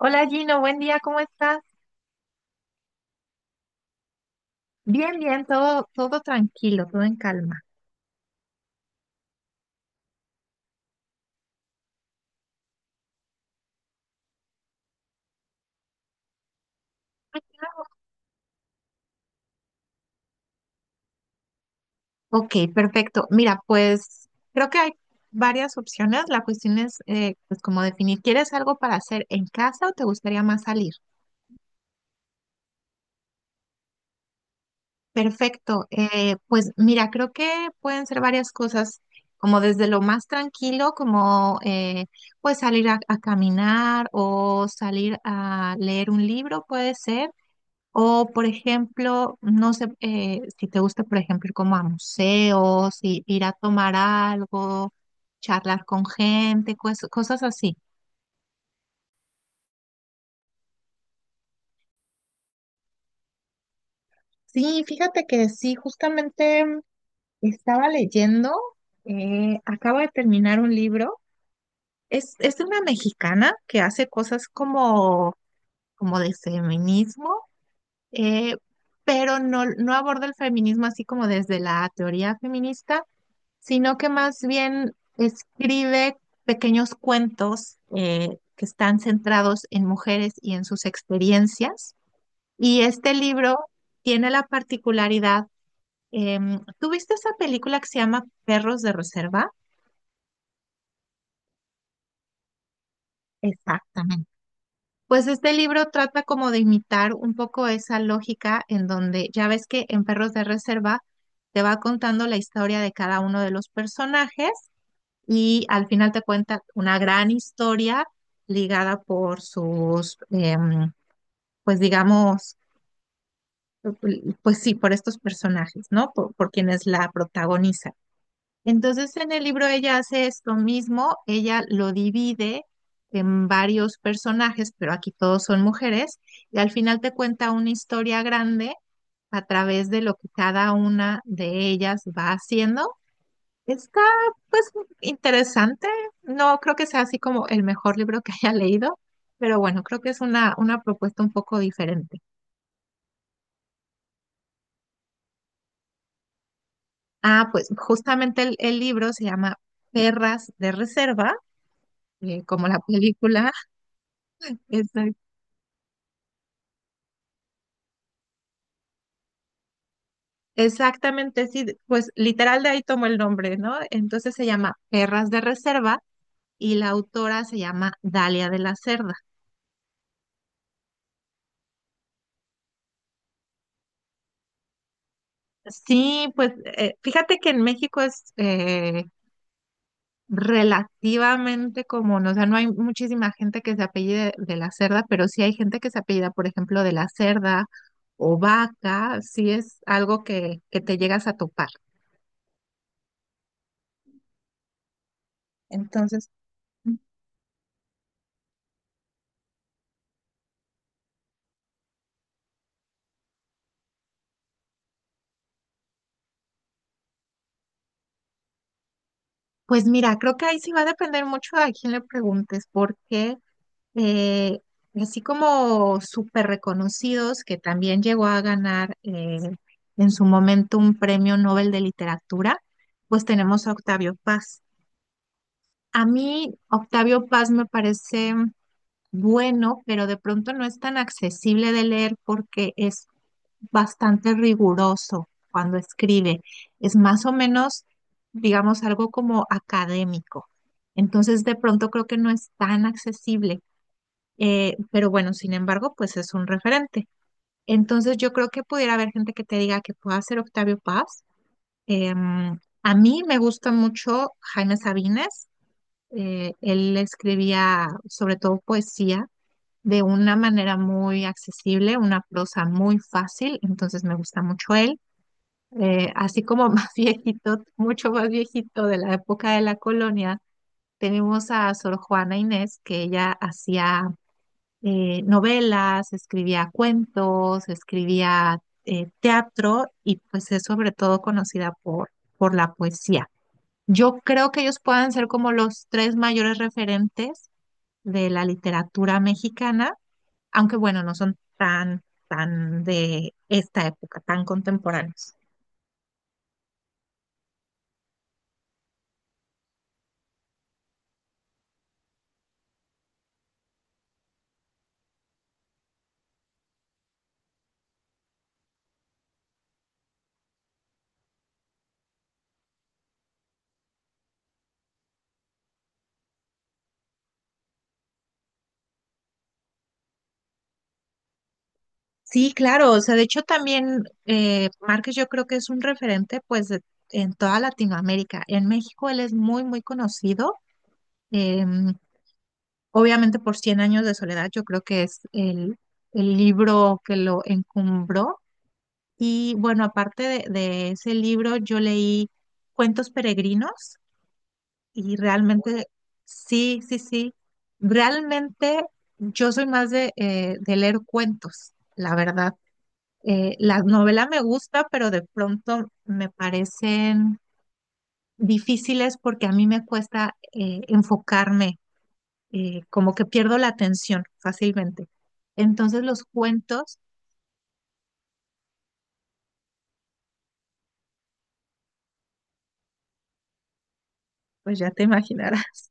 Hola, Gino, buen día, ¿cómo estás? Bien, bien, todo, todo tranquilo, todo en calma. Ok, perfecto. Mira, pues creo que hay varias opciones. La cuestión es pues como definir, ¿quieres algo para hacer en casa o te gustaría más salir? Perfecto. Pues mira, creo que pueden ser varias cosas, como desde lo más tranquilo, como pues salir a caminar o salir a leer un libro, puede ser. O, por ejemplo, no sé si te gusta, por ejemplo, ir como a museos, ir a tomar algo, charlar con gente, cosas así. Sí, fíjate que sí, justamente estaba leyendo, acabo de terminar un libro. Es de una mexicana que hace cosas como, como de feminismo, eh, pero no, no aborda el feminismo así como desde la teoría feminista, sino que más bien escribe pequeños cuentos que están centrados en mujeres y en sus experiencias. Y este libro tiene la particularidad, ¿tú viste esa película que se llama Perros de Reserva? Exactamente. Pues este libro trata como de imitar un poco esa lógica, en donde ya ves que en Perros de Reserva te va contando la historia de cada uno de los personajes y al final te cuenta una gran historia ligada por sus, pues digamos, pues sí, por estos personajes, ¿no? Por quienes la protagonizan. Entonces en el libro ella hace esto mismo, ella lo divide en varios personajes, pero aquí todos son mujeres, y al final te cuenta una historia grande a través de lo que cada una de ellas va haciendo. Está pues interesante. No creo que sea así como el mejor libro que haya leído, pero bueno, creo que es una propuesta un poco diferente. Ah, pues justamente el libro se llama Perras de Reserva, como la película. Exac- Exactamente, sí, pues literal de ahí tomó el nombre, ¿no? Entonces se llama Perras de Reserva y la autora se llama Dalia de la Cerda. Sí, pues fíjate que en México es, relativamente común, o sea, no hay muchísima gente que se apellide de la Cerda, pero sí hay gente que se apellida, por ejemplo, de la Cerda o Vaca, sí es algo que te llegas a topar. Entonces, pues mira, creo que ahí sí va a depender mucho a quién le preguntes, porque eh, así como súper reconocidos, que también llegó a ganar en su momento un premio Nobel de Literatura, pues tenemos a Octavio Paz. A mí Octavio Paz me parece bueno, pero de pronto no es tan accesible de leer porque es bastante riguroso cuando escribe. Es más o menos, digamos, algo como académico. Entonces, de pronto creo que no es tan accesible. Pero bueno, sin embargo, pues es un referente. Entonces, yo creo que pudiera haber gente que te diga que pueda ser Octavio Paz. A mí me gusta mucho Jaime Sabines. Él escribía sobre todo poesía de una manera muy accesible, una prosa muy fácil, entonces me gusta mucho él. Así como más viejito, mucho más viejito de la época de la colonia, tenemos a Sor Juana Inés, que ella hacía novelas, escribía cuentos, escribía teatro, y pues es sobre todo conocida por la poesía. Yo creo que ellos puedan ser como los tres mayores referentes de la literatura mexicana, aunque bueno, no son tan, tan de esta época, tan contemporáneos. Sí, claro, o sea, de hecho también Márquez yo creo que es un referente pues de- en toda Latinoamérica. En México él es muy, muy conocido. em, Obviamente por Cien años de soledad, yo creo que es el libro que lo encumbró. Y bueno, aparte de ese libro yo leí Cuentos peregrinos. Y realmente, sí, sí, sí. Realmente yo soy más de leer cuentos, la verdad. La novela me gusta, pero de pronto me parecen difíciles porque a mí me cuesta enfocarme, como que pierdo la atención fácilmente. Entonces los cuentos, pues ya te imaginarás.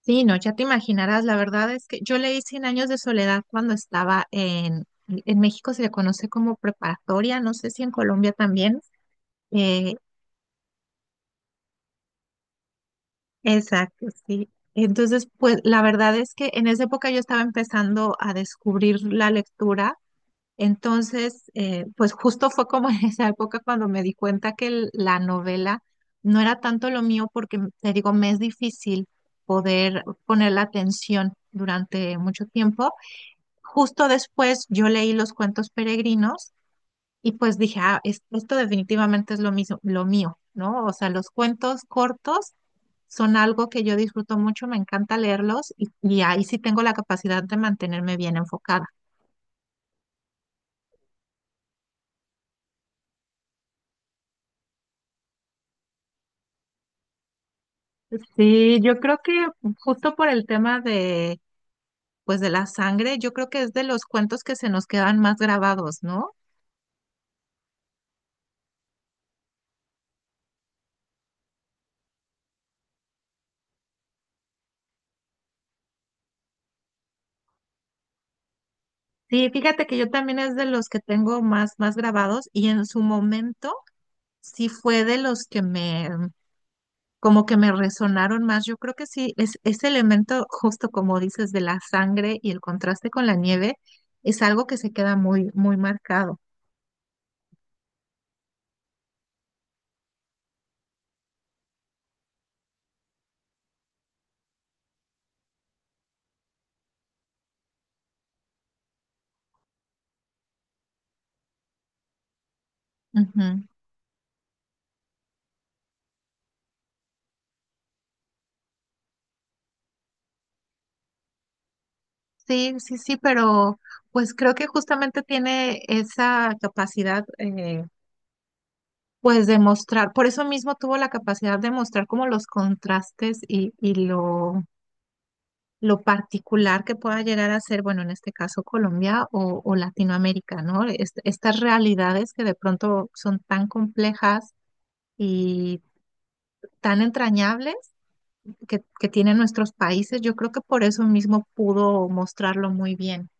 Sí, no, ya te imaginarás, la verdad es que yo leí Cien años de soledad cuando estaba en México, se le conoce como preparatoria, no sé si en Colombia también. Eh, exacto, sí. Entonces, pues la verdad es que en esa época yo estaba empezando a descubrir la lectura, entonces, pues justo fue como en esa época cuando me di cuenta que la novela no era tanto lo mío porque, te digo, me es difícil poder poner la atención durante mucho tiempo. Justo después yo leí los cuentos peregrinos y pues dije, ah, esto definitivamente es lo mismo, lo mío, ¿no? O sea, los cuentos cortos son algo que yo disfruto mucho, me encanta leerlos y ahí sí tengo la capacidad de mantenerme bien enfocada. Sí, yo creo que justo por el tema de, pues de la sangre, yo creo que es de los cuentos que se nos quedan más grabados, ¿no? Sí, fíjate que yo también es de los que tengo más, más grabados y en su momento sí fue de los que me, como que me resonaron más. Yo creo que sí, es, ese elemento, justo como dices, de la sangre y el contraste con la nieve, es algo que se queda muy, muy marcado. Ujú. Sí, sí, sí, pero pues creo que justamente tiene esa capacidad, pues de mostrar, por eso mismo tuvo la capacidad de mostrar como los contrastes y lo particular que pueda llegar a ser, bueno, en este caso Colombia o Latinoamérica, ¿no? Es- estas realidades que de pronto son tan complejas y tan entrañables que tienen nuestros países, yo creo que por eso mismo pudo mostrarlo muy bien.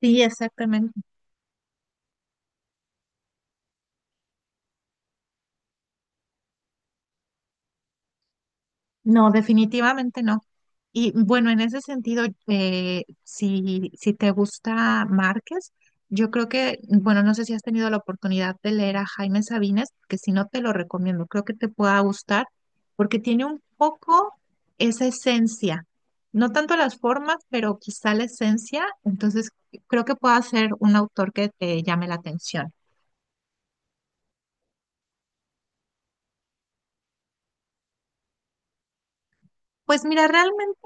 Sí, exactamente. No, definitivamente no. Y bueno, en ese sentido, si, si te gusta Márquez, yo creo que, bueno, no sé si has tenido la oportunidad de leer a Jaime Sabines, que si no te lo recomiendo, creo que te pueda gustar, porque tiene un poco esa esencia, no tanto las formas, pero quizá la esencia, entonces creo que pueda ser un autor que te llame la atención. Pues mira, realmente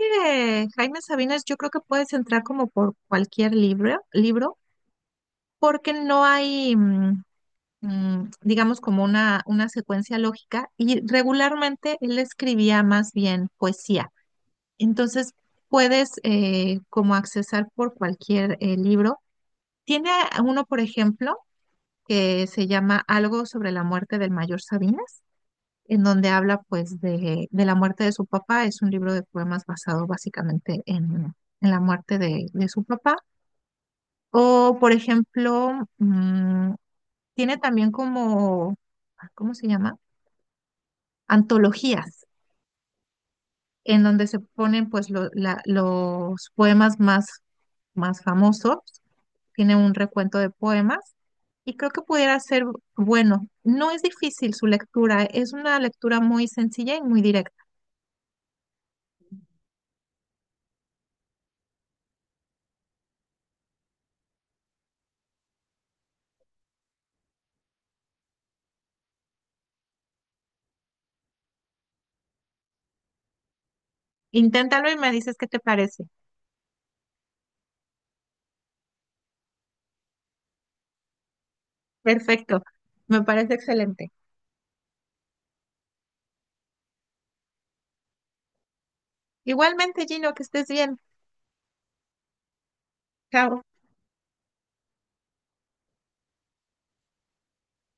Jaime Sabines yo creo que puedes entrar como por cualquier libro, libro. Porque no hay, digamos, como una secuencia lógica, y regularmente él escribía más bien poesía. Entonces, puedes como accesar por cualquier libro. Tiene uno, por ejemplo, que se llama Algo sobre la muerte del mayor Sabines, en donde habla pues de la muerte de su papá. Es un libro de poemas basado básicamente en la muerte de su papá. O, por ejemplo, tiene también como, ah, ¿cómo se llama? Antologías, en donde se ponen pues los poemas más, más famosos. Tiene un recuento de poemas y creo que pudiera ser bueno. No es difícil su lectura, es una lectura muy sencilla y muy directa. Inténtalo y me dices qué te parece. Perfecto, me parece excelente. Igualmente, Gino, que estés bien. Chao.